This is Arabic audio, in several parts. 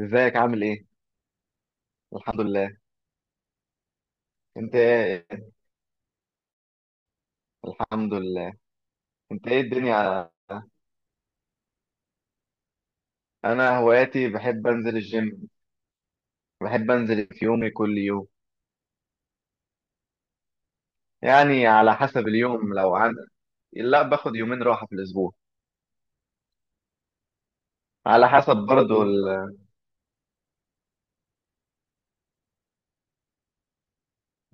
ازيك، عامل ايه؟ الحمد لله. انت ايه؟ الحمد لله. انت ايه الدنيا؟ انا هواياتي بحب انزل الجيم. بحب انزل في يومي كل يوم. يعني على حسب اليوم لو عن. لا، باخد يومين راحة في الاسبوع. على حسب برضو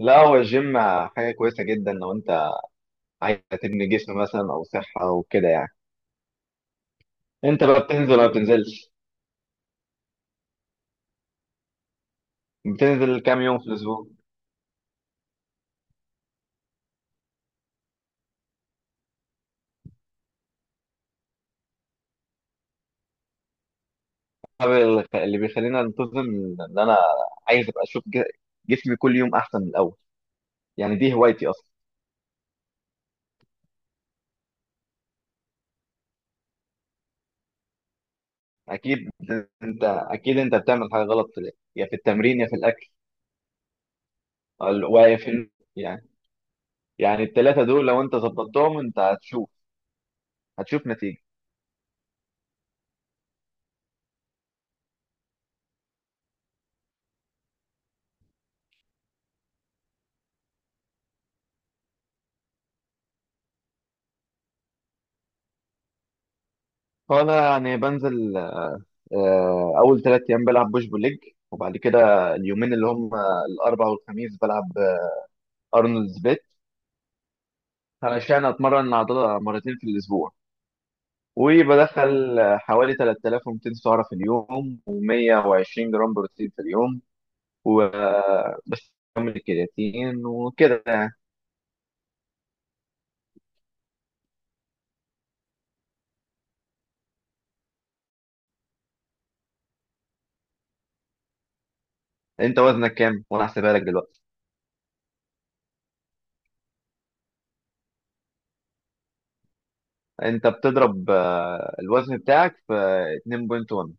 لا، هو الجيم حاجة كويسة جدا لو انت عايز تبني جسم مثلا او صحة وكده يعني. انت بقى بتنزل ولا بتنزلش؟ بتنزل كام يوم في الاسبوع؟ طب اللي بيخليني انتظم ان انا عايز ابقى اشوف جسمي كل يوم احسن من الاول. يعني دي هوايتي اصلا. اكيد. انت اكيد بتعمل حاجه غلط في الأكل، يا في التمرين يا في الاكل ويا في النوم. يعني يعني الثلاثه دول لو انت ظبطتهم انت هتشوف نتيجه. فانا يعني بنزل. اول 3 ايام بلعب بوش بول ليج. وبعد كده اليومين اللي هم الاربعاء والخميس بلعب ارنولدز بيت، علشان اتمرن عضله مرتين في الاسبوع. وبدخل حوالي 3200 سعره في اليوم و120 جرام بروتين في اليوم. وبس، كمل الكرياتين وكده يعني. انت وزنك كام؟ وانا هحسبها لك دلوقتي. انت بتضرب الوزن بتاعك في 2.1.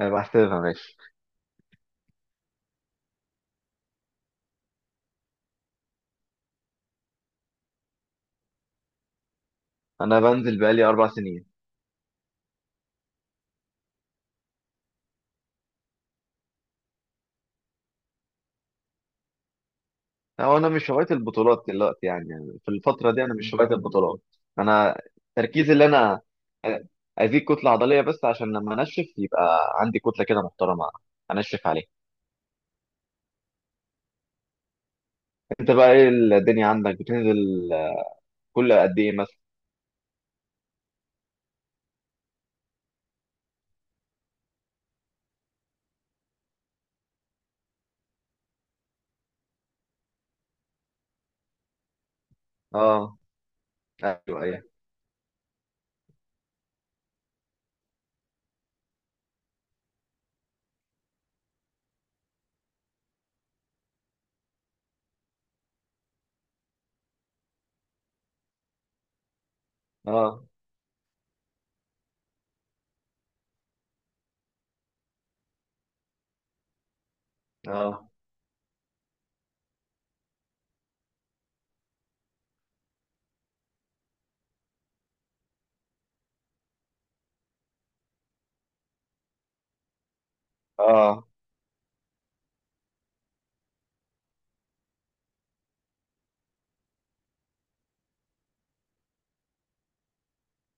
انا بحسبها ماشي. انا بنزل بقالي 4 سنين. هو انا مش هوايه البطولات دلوقتي. يعني في الفتره دي انا مش هوايه البطولات. انا تركيزي اللي انا آه، ازيد كتله عضليه، بس عشان لما انشف يبقى عندي كتله كده محترمه انشف عليها. انت بقى ايه الدنيا عندك؟ بتنزل كل قد ايه مثلا؟ اه. ايوه، ايوه. اه، اه، اه.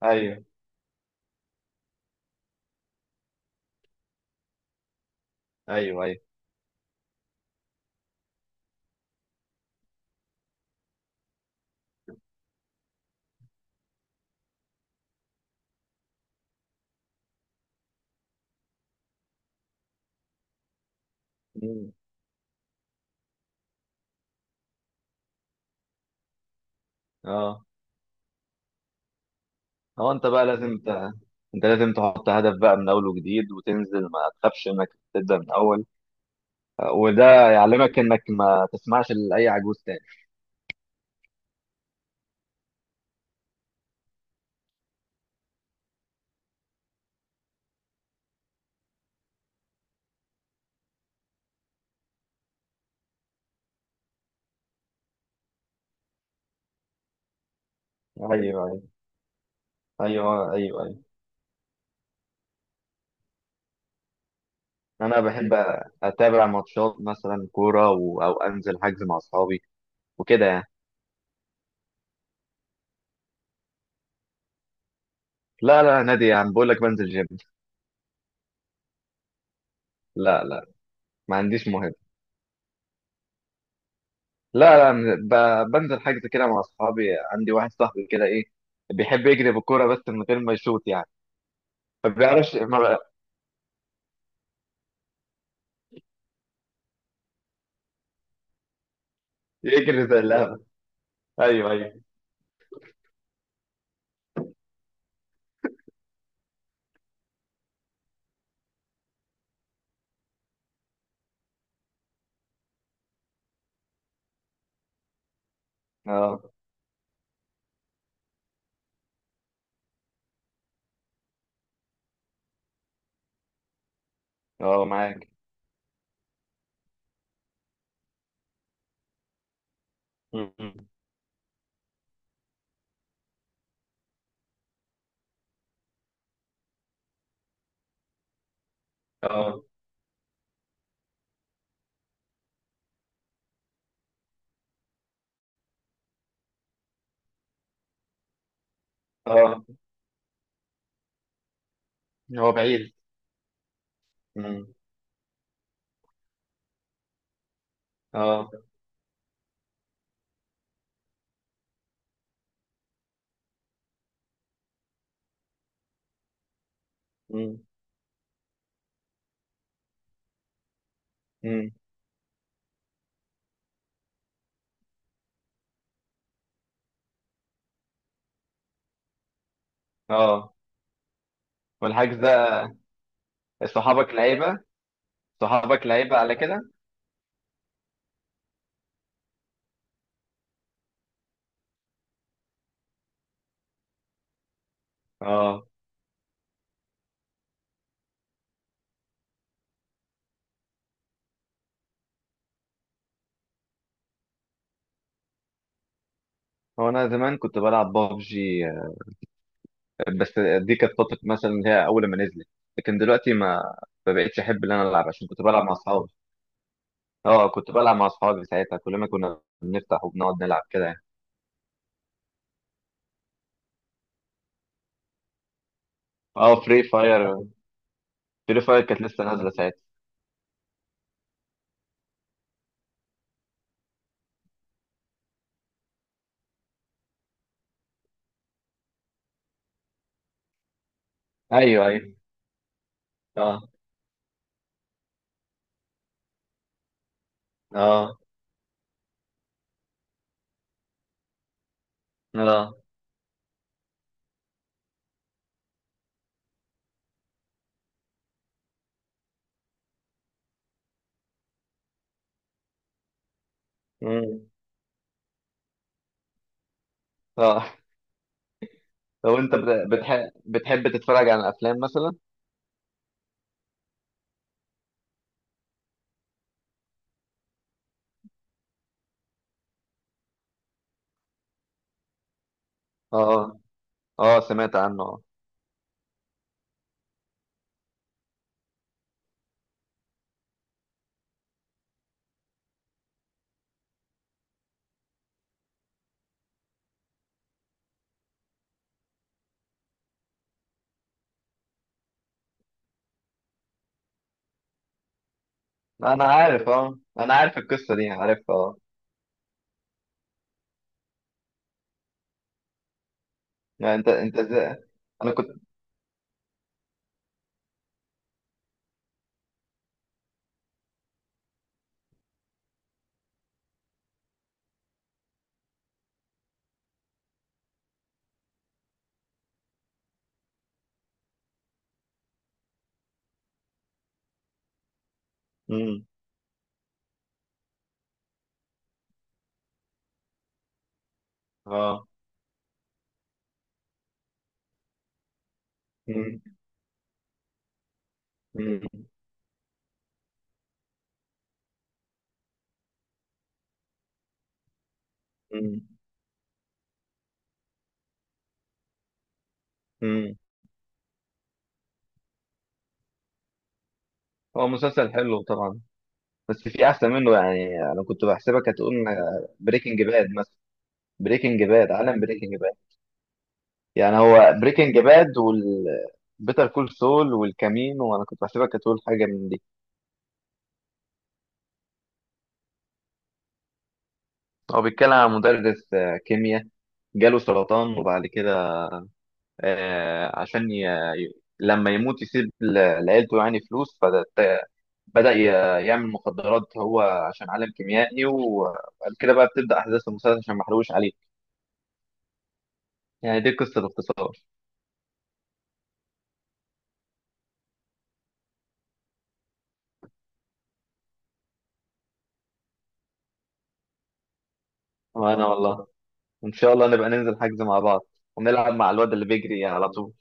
ايوه، ايوه، ايوه. مم. اه. هو انت بقى لازم ت... انت لازم تحط هدف بقى من اول وجديد وتنزل. ما تخافش انك تبدا من اول. وده يعلمك انك ما تسمعش لاي عجوز تاني. ايوه، ايوه، ايوه، ايوه، ايوه. انا بحب اتابع ماتشات مثلا كوره او انزل حجز مع اصحابي وكده يعني. لا، لا نادي، يعني بقول لك بنزل جيم. لا، لا، ما عنديش مهم. لا، لا، بنزل حجز كده مع اصحابي. عندي واحد صاحبي كده ايه، بيحب يجري بالكوره بس من غير ما يشوط يعني. ما بيعرفش، ما بقى يجري زي اللعبه. ايوه، ايوه. اه، اه، معاك. م-، م. اه، اه. هو بعيد. م. اه. م. م. اه. والحجز ده صحابك لعيبه. صحابك لعيبه على كده. اه. هو انا زمان كنت بلعب بابجي. بس دي كانت فتره مثلا، اللي هي اول ما نزلت. لكن دلوقتي ما بقتش احب ان انا العب، عشان كنت بلعب مع اصحابي. اه كنت بلعب مع اصحابي ساعتها، كل ما كنا بنفتح وبنقعد نلعب كده يعني. اه، فري فاير كانت لسه نازله ساعتها. ايوه، ايوه. اه، اه، اه. مم. اه. لو انت بتحب تتفرج على افلام مثلا. اه، اه، سمعت عنه. اه، انا عارف القصه دي، عارفها اه. يعني انت ازاي؟ انا كنت. امم. اه. امم. امم. امم. هو مسلسل حلو طبعا، بس في احسن منه. يعني انا كنت بحسبك هتقول بريكنج باد مثلا. بريكنج باد، عالم بريكنج باد. يعني هو بريكنج باد وال بيتر كول سول والكمين، وانا كنت بحسبك هتقول حاجه من دي. هو بيتكلم عن مدرس كيمياء، جاله سرطان. وبعد كده عشان ي- لما يموت يسيب لعيلته يعني فلوس. فبدأ يعمل مخدرات، هو عشان عالم كيميائي. وبعد كده بقى بتبدأ أحداث المسلسل، عشان ما احرقوش عليه. يعني دي قصة باختصار. وأنا والله، ان شاء الله نبقى ننزل حجز مع بعض ونلعب مع الواد اللي بيجري على طول.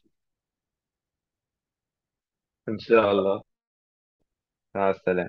ان شاء الله. مع السلامة.